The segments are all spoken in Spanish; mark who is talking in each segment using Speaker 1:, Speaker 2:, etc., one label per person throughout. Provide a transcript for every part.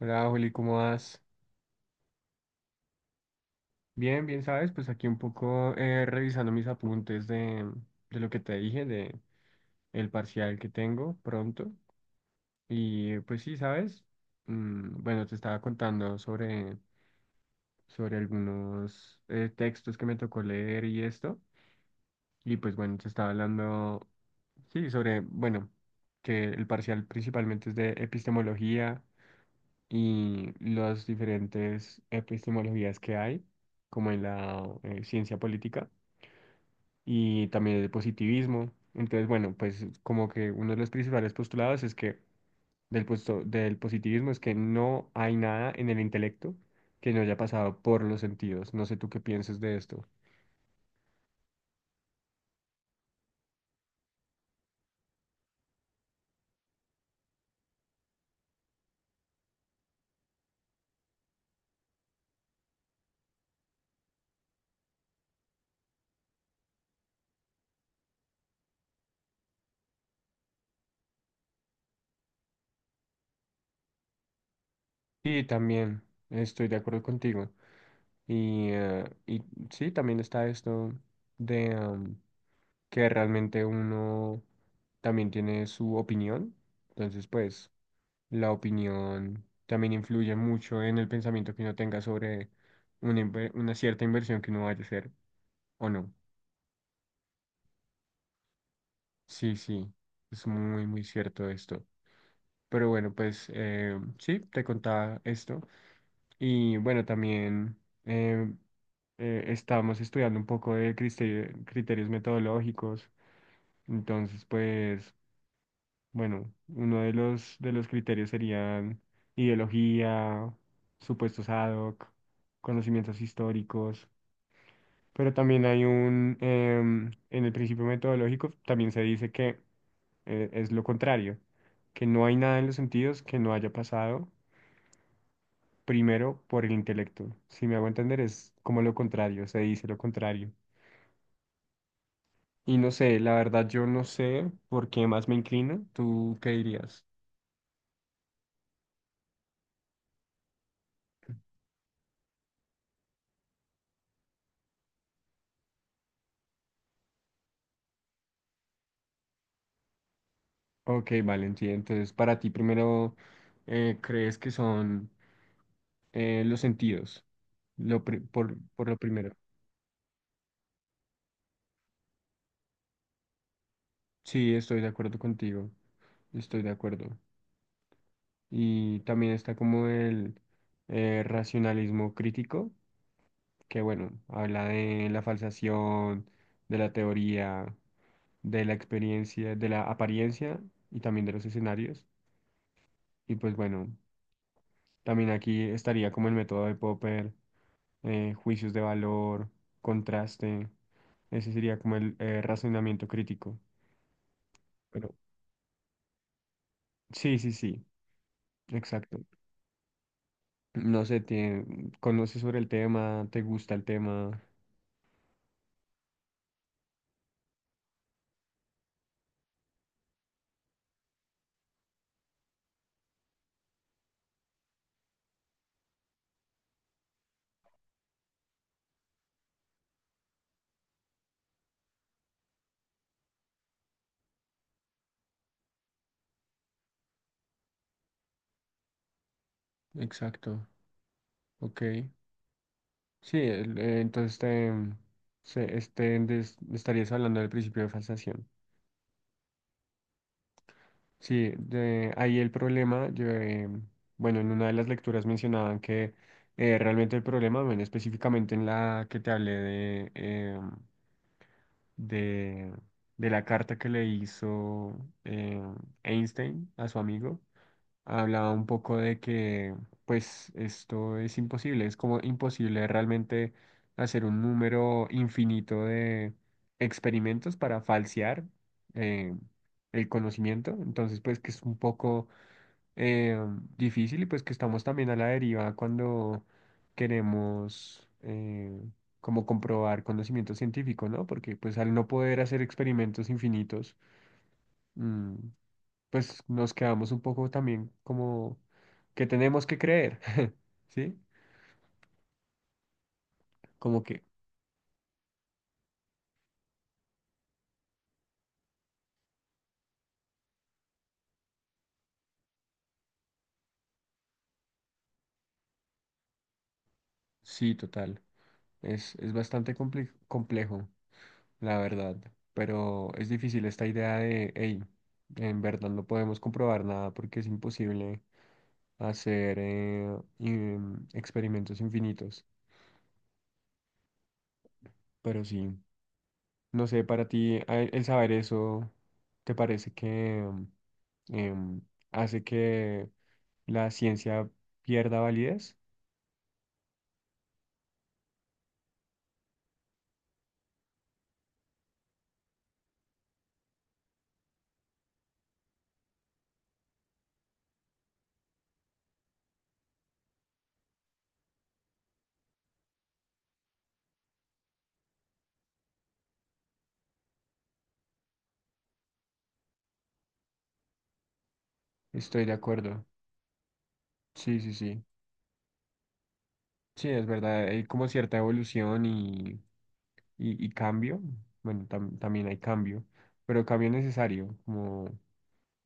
Speaker 1: Hola, Juli, ¿cómo vas? Bien, bien, ¿sabes? Pues aquí un poco revisando mis apuntes de lo que te dije, de el parcial que tengo pronto. Y pues sí, ¿sabes? Mm, bueno, te estaba contando sobre algunos textos que me tocó leer y esto. Y pues bueno, te estaba hablando, sí, sobre, bueno, que el parcial principalmente es de epistemología y las diferentes epistemologías que hay, como en la ciencia política y también el positivismo. Entonces, bueno, pues como que uno de los principales postulados es que del positivismo es que no hay nada en el intelecto que no haya pasado por los sentidos. No sé tú qué pienses de esto. Y también estoy de acuerdo contigo. Y sí, también está esto de... que realmente uno también tiene su opinión. Entonces, pues, la opinión también influye mucho en el pensamiento que uno tenga sobre una cierta inversión que uno vaya a hacer o no. Sí, sí, es muy, muy cierto esto. Pero bueno, pues sí, te contaba esto. Y bueno, también eh, estamos estudiando un poco de criterios metodológicos. Entonces, pues... bueno, uno de los criterios serían ideología, supuestos ad hoc, conocimientos históricos, pero también hay un, en el principio metodológico también se dice que es lo contrario, que no hay nada en los sentidos que no haya pasado primero por el intelecto. Si me hago entender, es como lo contrario, se dice lo contrario. Y no sé, la verdad yo no sé por qué más me inclino. ¿Tú qué dirías? Ok, vale, sí. Entonces, para ti primero, ¿crees que son los sentidos? Por lo primero. Sí, estoy de acuerdo contigo. Estoy de acuerdo. Y también está como el racionalismo crítico, que bueno, habla de la falsación, de la teoría, de la experiencia, de la apariencia y también de los escenarios. Y pues bueno, también aquí estaría como el método de Popper, juicios de valor, contraste. Ese sería como el razonamiento crítico. Pero sí, sí, sí, exacto. No sé, tiene, conoces sobre el tema, te gusta el tema. Exacto, ok. Sí, entonces te, se, este, des- estarías hablando del principio de falsación. Sí, de ahí el problema, yo, bueno, en una de las lecturas mencionaban que realmente el problema, bueno, específicamente en la que te hablé de, de la carta que le hizo eh, Einstein a su amigo, hablaba un poco de que pues esto es imposible, es como imposible realmente hacer un número infinito de experimentos para falsear eh, el conocimiento, entonces pues que es un poco eh, difícil y pues que estamos también a la deriva cuando queremos como comprobar conocimiento científico, ¿no? Porque pues al no poder hacer experimentos infinitos, mm, pues nos quedamos un poco también como que tenemos que creer, ¿sí? Como que sí, total. Es complejo, la verdad, pero es difícil esta idea de, hey, en verdad no podemos comprobar nada porque es imposible hacer experimentos infinitos, pero sí. No sé, para ti el saber eso, ¿te parece que em, hace que la ciencia pierda validez? Estoy de acuerdo. Sí, sí, sí. Sí, es verdad. Hay como cierta evolución y cambio. Bueno, también hay cambio, pero cambio necesario. Como,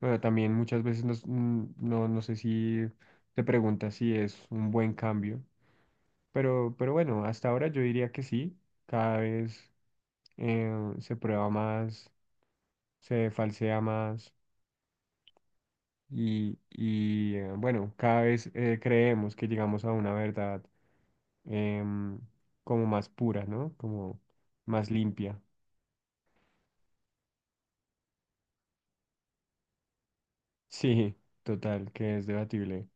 Speaker 1: bueno, también muchas veces no, no sé si te preguntas si es un buen cambio, pero bueno, hasta ahora yo diría que sí. Cada vez eh, se prueba más, se falsea más bueno, cada vez creemos que llegamos a una verdad, em, como más pura, ¿no? Como más limpia. Sí, total, que es debatible.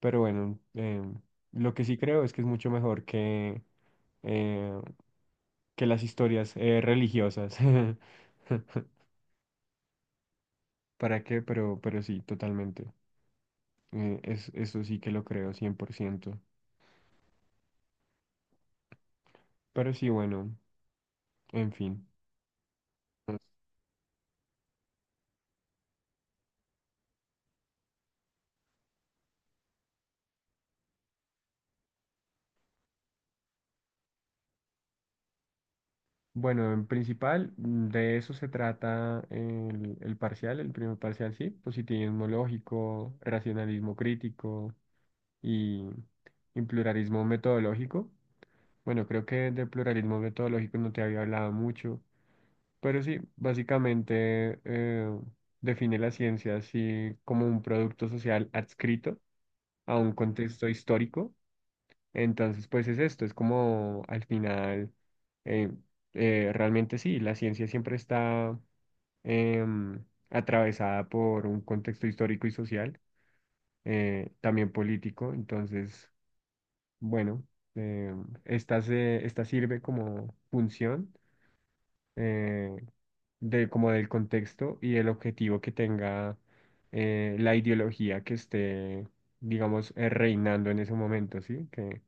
Speaker 1: Pero bueno, lo que sí creo es que es mucho mejor eh, que las historias religiosas. ¿Para qué? Pero sí, totalmente. Es, eso sí que lo creo, cien por ciento. Pero sí, bueno. En fin. Bueno, en principal, mm, de eso se trata el parcial, el primer parcial, sí, positivismo lógico, racionalismo crítico y, y pluralismo metodológico. Bueno, creo que de pluralismo metodológico no te había hablado mucho, pero sí, básicamente define la ciencia así como un producto social adscrito a un contexto histórico. Entonces, pues es esto, es como al final, eh, realmente sí, la ciencia siempre está em, atravesada por un contexto histórico y social, también político, entonces, bueno, esta sirve como función eh, como del contexto y el objetivo que tenga la ideología que esté, digamos, reinando en ese momento, ¿sí?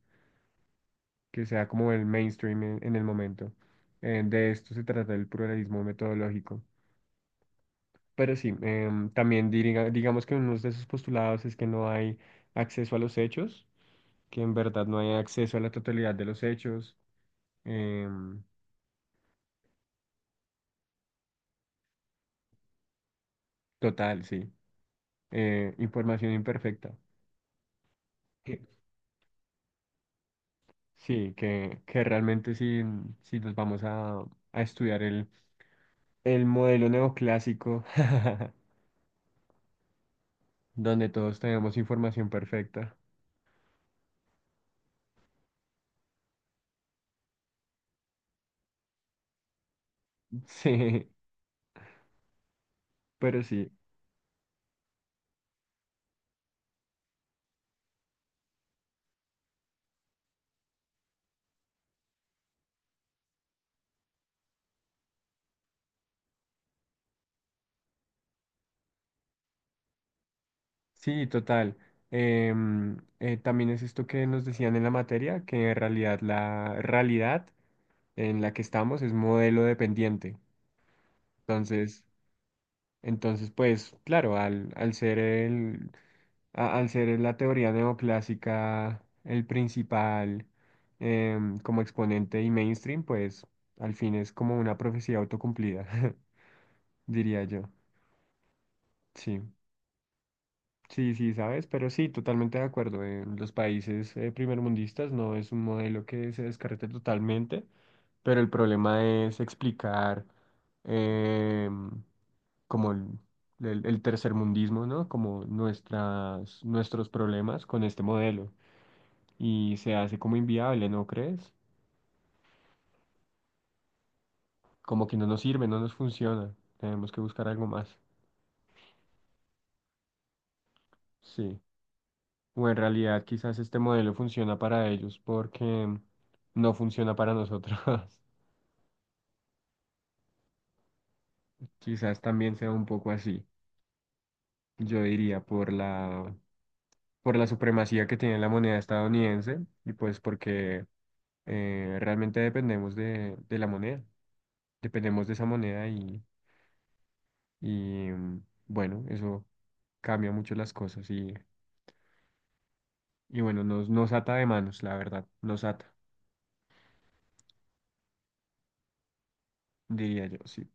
Speaker 1: Que sea como el mainstream en el momento. De esto se trata el pluralismo metodológico. Pero sí, también diriga digamos que uno de sus postulados es que no hay acceso a los hechos, que en verdad no hay acceso a la totalidad de los hechos. Em, total, sí. Información imperfecta. Que... sí, que realmente si nos vamos a estudiar el modelo neoclásico, donde todos tenemos información perfecta. Sí, pero sí. Sí, total. Em, también es esto que nos decían en la materia, que en realidad la realidad en la que estamos es modelo dependiente. Entonces, entonces pues claro, al ser el, al ser la teoría neoclásica el principal, como exponente y mainstream, pues al fin es como una profecía autocumplida, diría yo. Sí. Sí, sí, sabes, pero sí, totalmente de acuerdo. En los países primermundistas no es un modelo que se descarte totalmente, pero el problema es explicar em, como el, el tercermundismo, ¿no? Como nuestras, nuestros problemas con este modelo. Y se hace como inviable, ¿no crees? Como que no nos sirve, no nos funciona. Tenemos que buscar algo más. Sí. O en realidad quizás este modelo funciona para ellos porque no funciona para nosotros. Quizás también sea un poco así, yo diría, por la supremacía que tiene la moneda estadounidense y pues porque realmente dependemos de la moneda, dependemos de esa moneda bueno, eso cambia mucho las cosas y bueno, nos, nos ata de manos, la verdad, nos ata, diría yo, sí.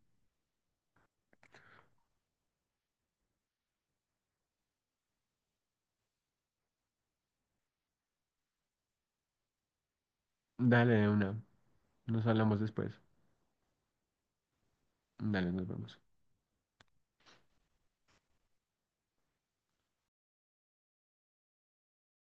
Speaker 1: Dale de una, nos hablamos después. Dale, nos vemos.